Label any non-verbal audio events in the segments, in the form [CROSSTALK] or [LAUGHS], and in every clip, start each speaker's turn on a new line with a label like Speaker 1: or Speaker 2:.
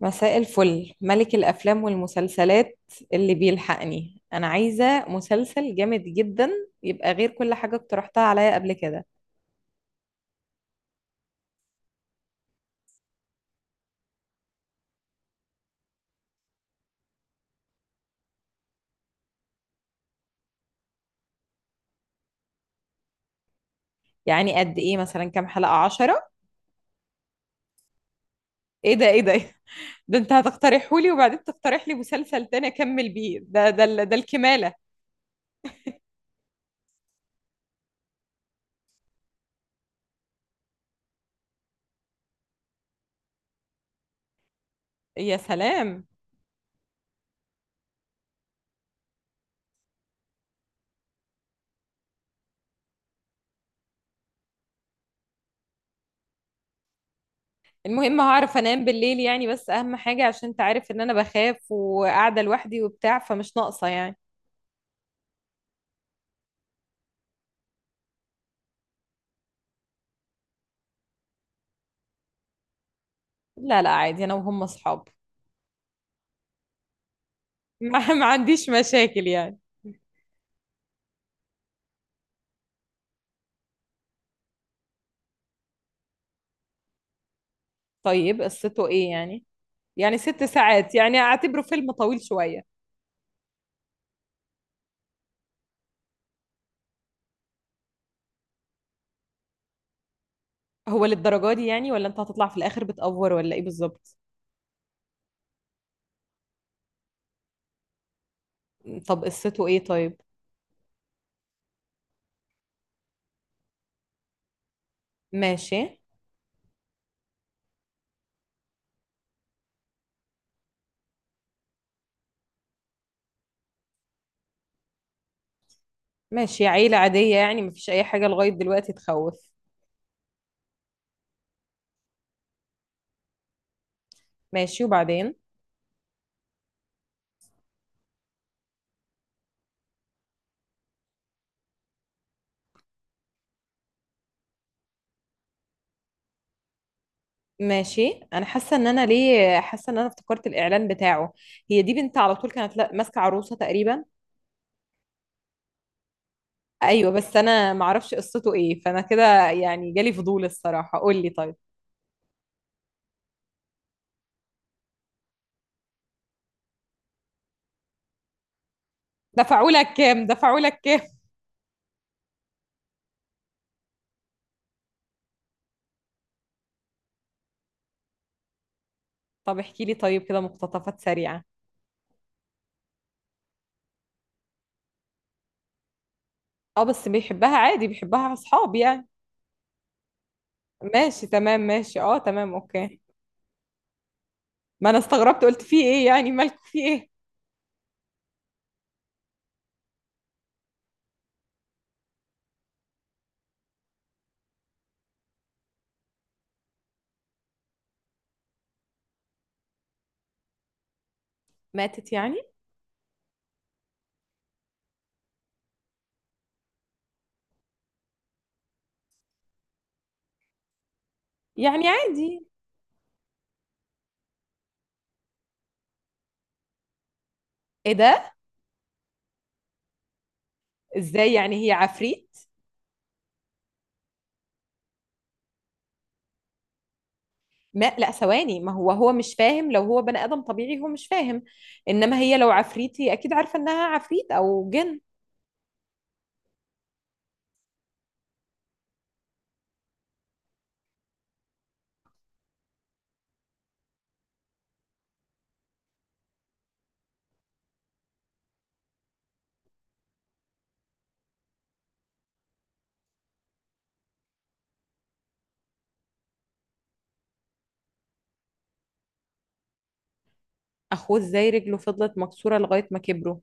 Speaker 1: مساء الفل ملك الأفلام والمسلسلات اللي بيلحقني، أنا عايزة مسلسل جامد جدا يبقى غير كل حاجة اقترحتها عليا قبل كده. يعني قد إيه مثلا؟ كام حلقة؟ عشرة؟ إيه ده؟ إيه ده؟ [LAUGHS] ده أنت هتقترحهولي وبعدين تقترح لي مسلسل تاني أكمل بيه ده الكمالة. يا سلام. المهم هعرف أنام بالليل يعني، بس أهم حاجة عشان أنت عارف إن أنا بخاف وقاعدة لوحدي وبتاع، فمش ناقصة يعني. لا لا، عادي، أنا وهم أصحاب. [LAUGHS] ما عنديش مشاكل يعني. طيب قصته ايه يعني؟ يعني ست ساعات، يعني اعتبره فيلم طويل شوية. هو للدرجة دي يعني؟ ولا انت هتطلع في الاخر بتأفور ولا ايه بالظبط؟ طب قصته ايه طيب؟ ماشي. ماشي، عيلة عادية يعني، مفيش اي حاجة لغاية دلوقتي تخوف. ماشي، وبعدين؟ ماشي، انا حاسة ان انا، ليه حاسة ان انا افتكرت الاعلان بتاعه، هي دي بنت على طول كانت ماسكة عروسة تقريبا. ايوه، بس انا معرفش قصته ايه، فانا كده يعني جالي فضول الصراحة، قول لي طيب. دفعوا لك كام؟ دفعوا لك؟ طب احكي لي طيب، كده مقتطفات سريعة. اه، بس بيحبها عادي؟ بيحبها اصحاب يعني؟ ماشي، تمام، ماشي، اه تمام، اوكي. ما انا استغربت، قلت في ايه يعني؟ مالكوا في ايه؟ ماتت يعني؟ يعني عادي. ايه ده؟ ازاي يعني؟ هي عفريت؟ ما لا ثواني، ما هو مش فاهم، لو هو بني ادم طبيعي هو مش فاهم، انما هي لو عفريتي اكيد عارفة انها عفريت او جن. اخوه ازاي رجله فضلت مكسورة لغاية ما كبروا؟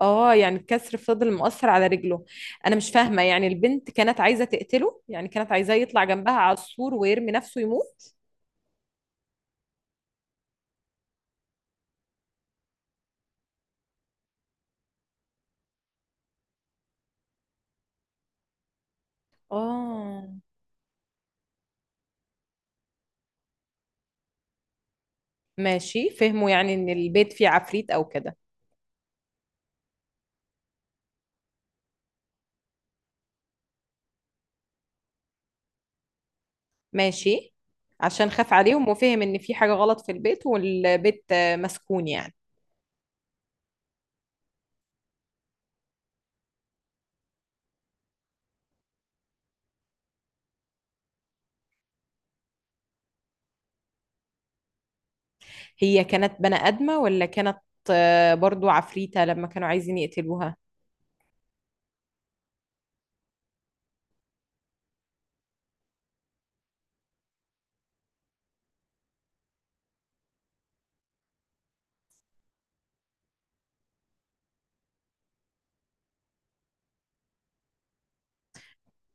Speaker 1: اه، يعني الكسر فضل مؤثر على رجله. انا مش فاهمه يعني، البنت كانت عايزه تقتله يعني؟ كانت عايزاه يطلع جنبها على السور ويرمي نفسه يموت؟ اه. ماشي، فهموا يعني ان البيت فيه عفريت او كده. ماشي، عشان خاف عليهم وفهم ان في حاجه غلط في البيت، والبيت مسكون يعني. هي كانت بني ادمه ولا كانت برضو عفريته لما كانوا عايزين يقتلوها؟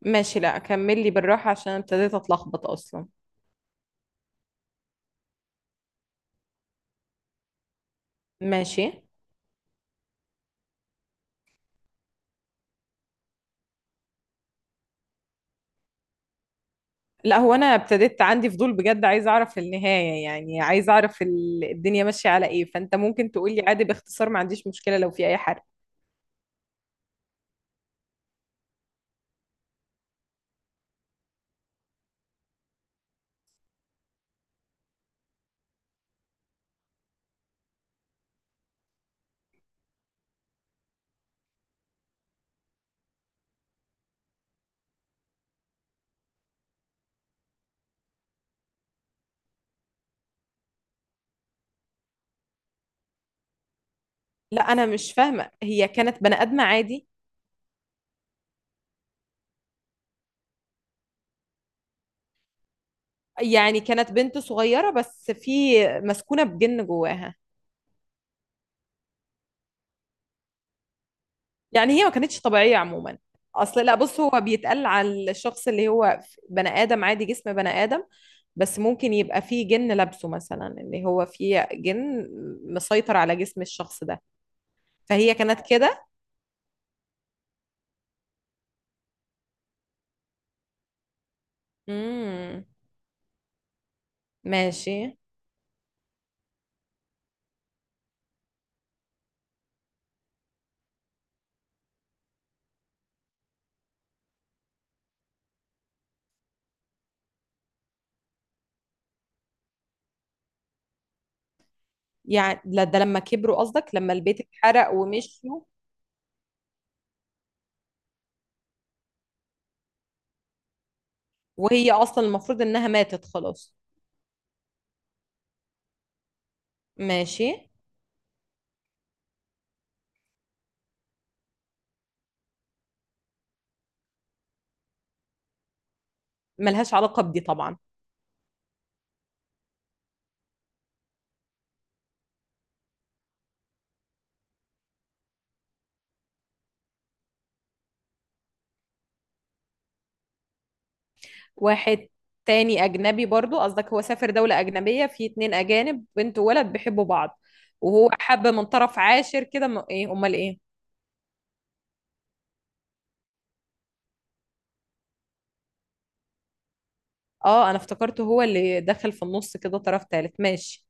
Speaker 1: ماشي، لا كمل لي بالراحه عشان ابتديت اتلخبط اصلا. ماشي، لا هو انا ابتديت عندي فضول بجد، عايزه اعرف النهايه يعني، عايزه اعرف الدنيا ماشيه على ايه، فانت ممكن تقولي عادي باختصار، ما عنديش مشكله لو في اي حرق. لا، انا مش فاهمه، هي كانت بني ادمه عادي؟ يعني كانت بنت صغيره بس في مسكونه بجن جواها؟ يعني هي ما كانتش طبيعيه عموما. اصل لا بص، هو بيتقال على الشخص اللي هو بني ادم عادي، جسم بني ادم، بس ممكن يبقى فيه جن لابسه مثلا، اللي هو فيه جن مسيطر على جسم الشخص ده، فهي كانت كده. امم. ماشي. يعني لا ده لما كبروا قصدك، لما البيت اتحرق ومشيوا، وهي اصلا المفروض انها ماتت خلاص. ماشي. ملهاش علاقة بدي طبعا. واحد تاني اجنبي برضو قصدك؟ هو سافر دولة اجنبية في اتنين اجانب بنت وولد بيحبوا بعض؟ وهو حب من طرف عاشر كده ايه؟ امال ايه؟ اه، انا افتكرته هو اللي دخل في النص كده طرف تالت، ماشي.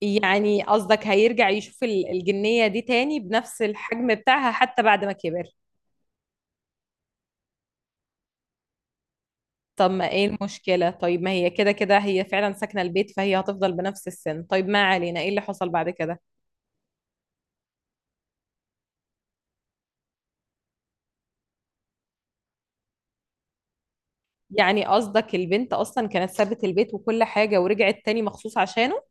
Speaker 1: يعني قصدك هيرجع يشوف الجنية دي تاني بنفس الحجم بتاعها حتى بعد ما كبر؟ طب ما ايه المشكلة؟ طيب ما هي كده كده هي فعلا ساكنة البيت، فهي هتفضل بنفس السن، طيب ما علينا، ايه اللي حصل بعد كده؟ يعني قصدك البنت اصلا كانت سابت البيت وكل حاجة ورجعت تاني مخصوص عشانه؟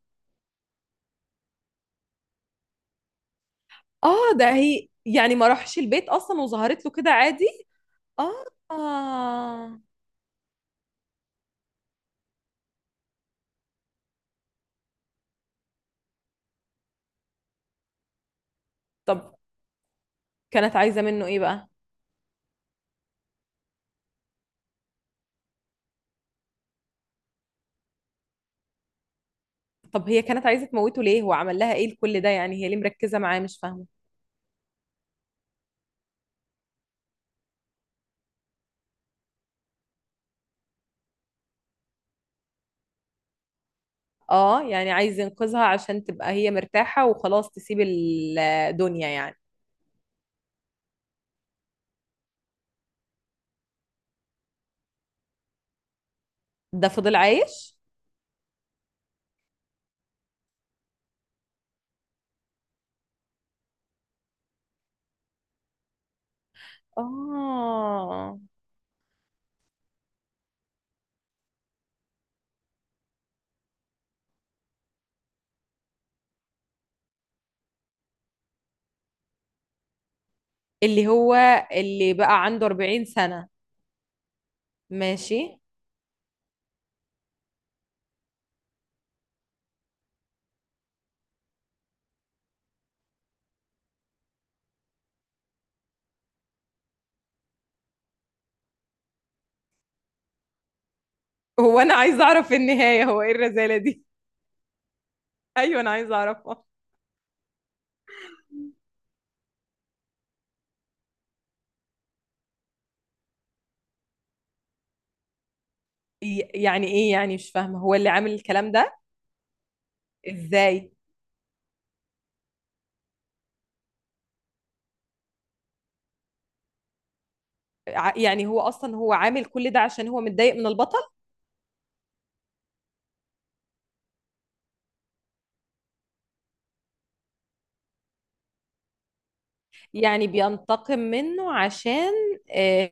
Speaker 1: اه ده هي يعني ما راحش البيت اصلا وظهرت له كده عادي؟ اه. طب كانت عايزة منه ايه بقى؟ طب هي كانت عايزة تموته ليه؟ هو عمل لها ايه لكل ده يعني؟ هي ليه مركزة معاه؟ مش فاهمة. اه، يعني عايز ينقذها عشان تبقى هي مرتاحة وخلاص تسيب الدنيا يعني؟ ده فضل عايش؟ آه، اللي هو اللي بقى عنده 40 سنة؟ ماشي. هو أنا عايزة أعرف النهاية، هو إيه الرزالة دي؟ [LAUGHS] أيوة أنا عايزة أعرفها. يعني إيه يعني مش فاهمة، هو اللي عامل الكلام ده؟ إزاي؟ يعني هو أصلا هو عامل كل ده عشان هو متضايق من البطل؟ يعني بينتقم منه عشان آه.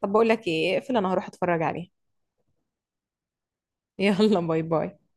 Speaker 1: طب بقول لك إيه، اقفل أنا هروح أتفرج عليه. [LAUGHS] يلا باي باي.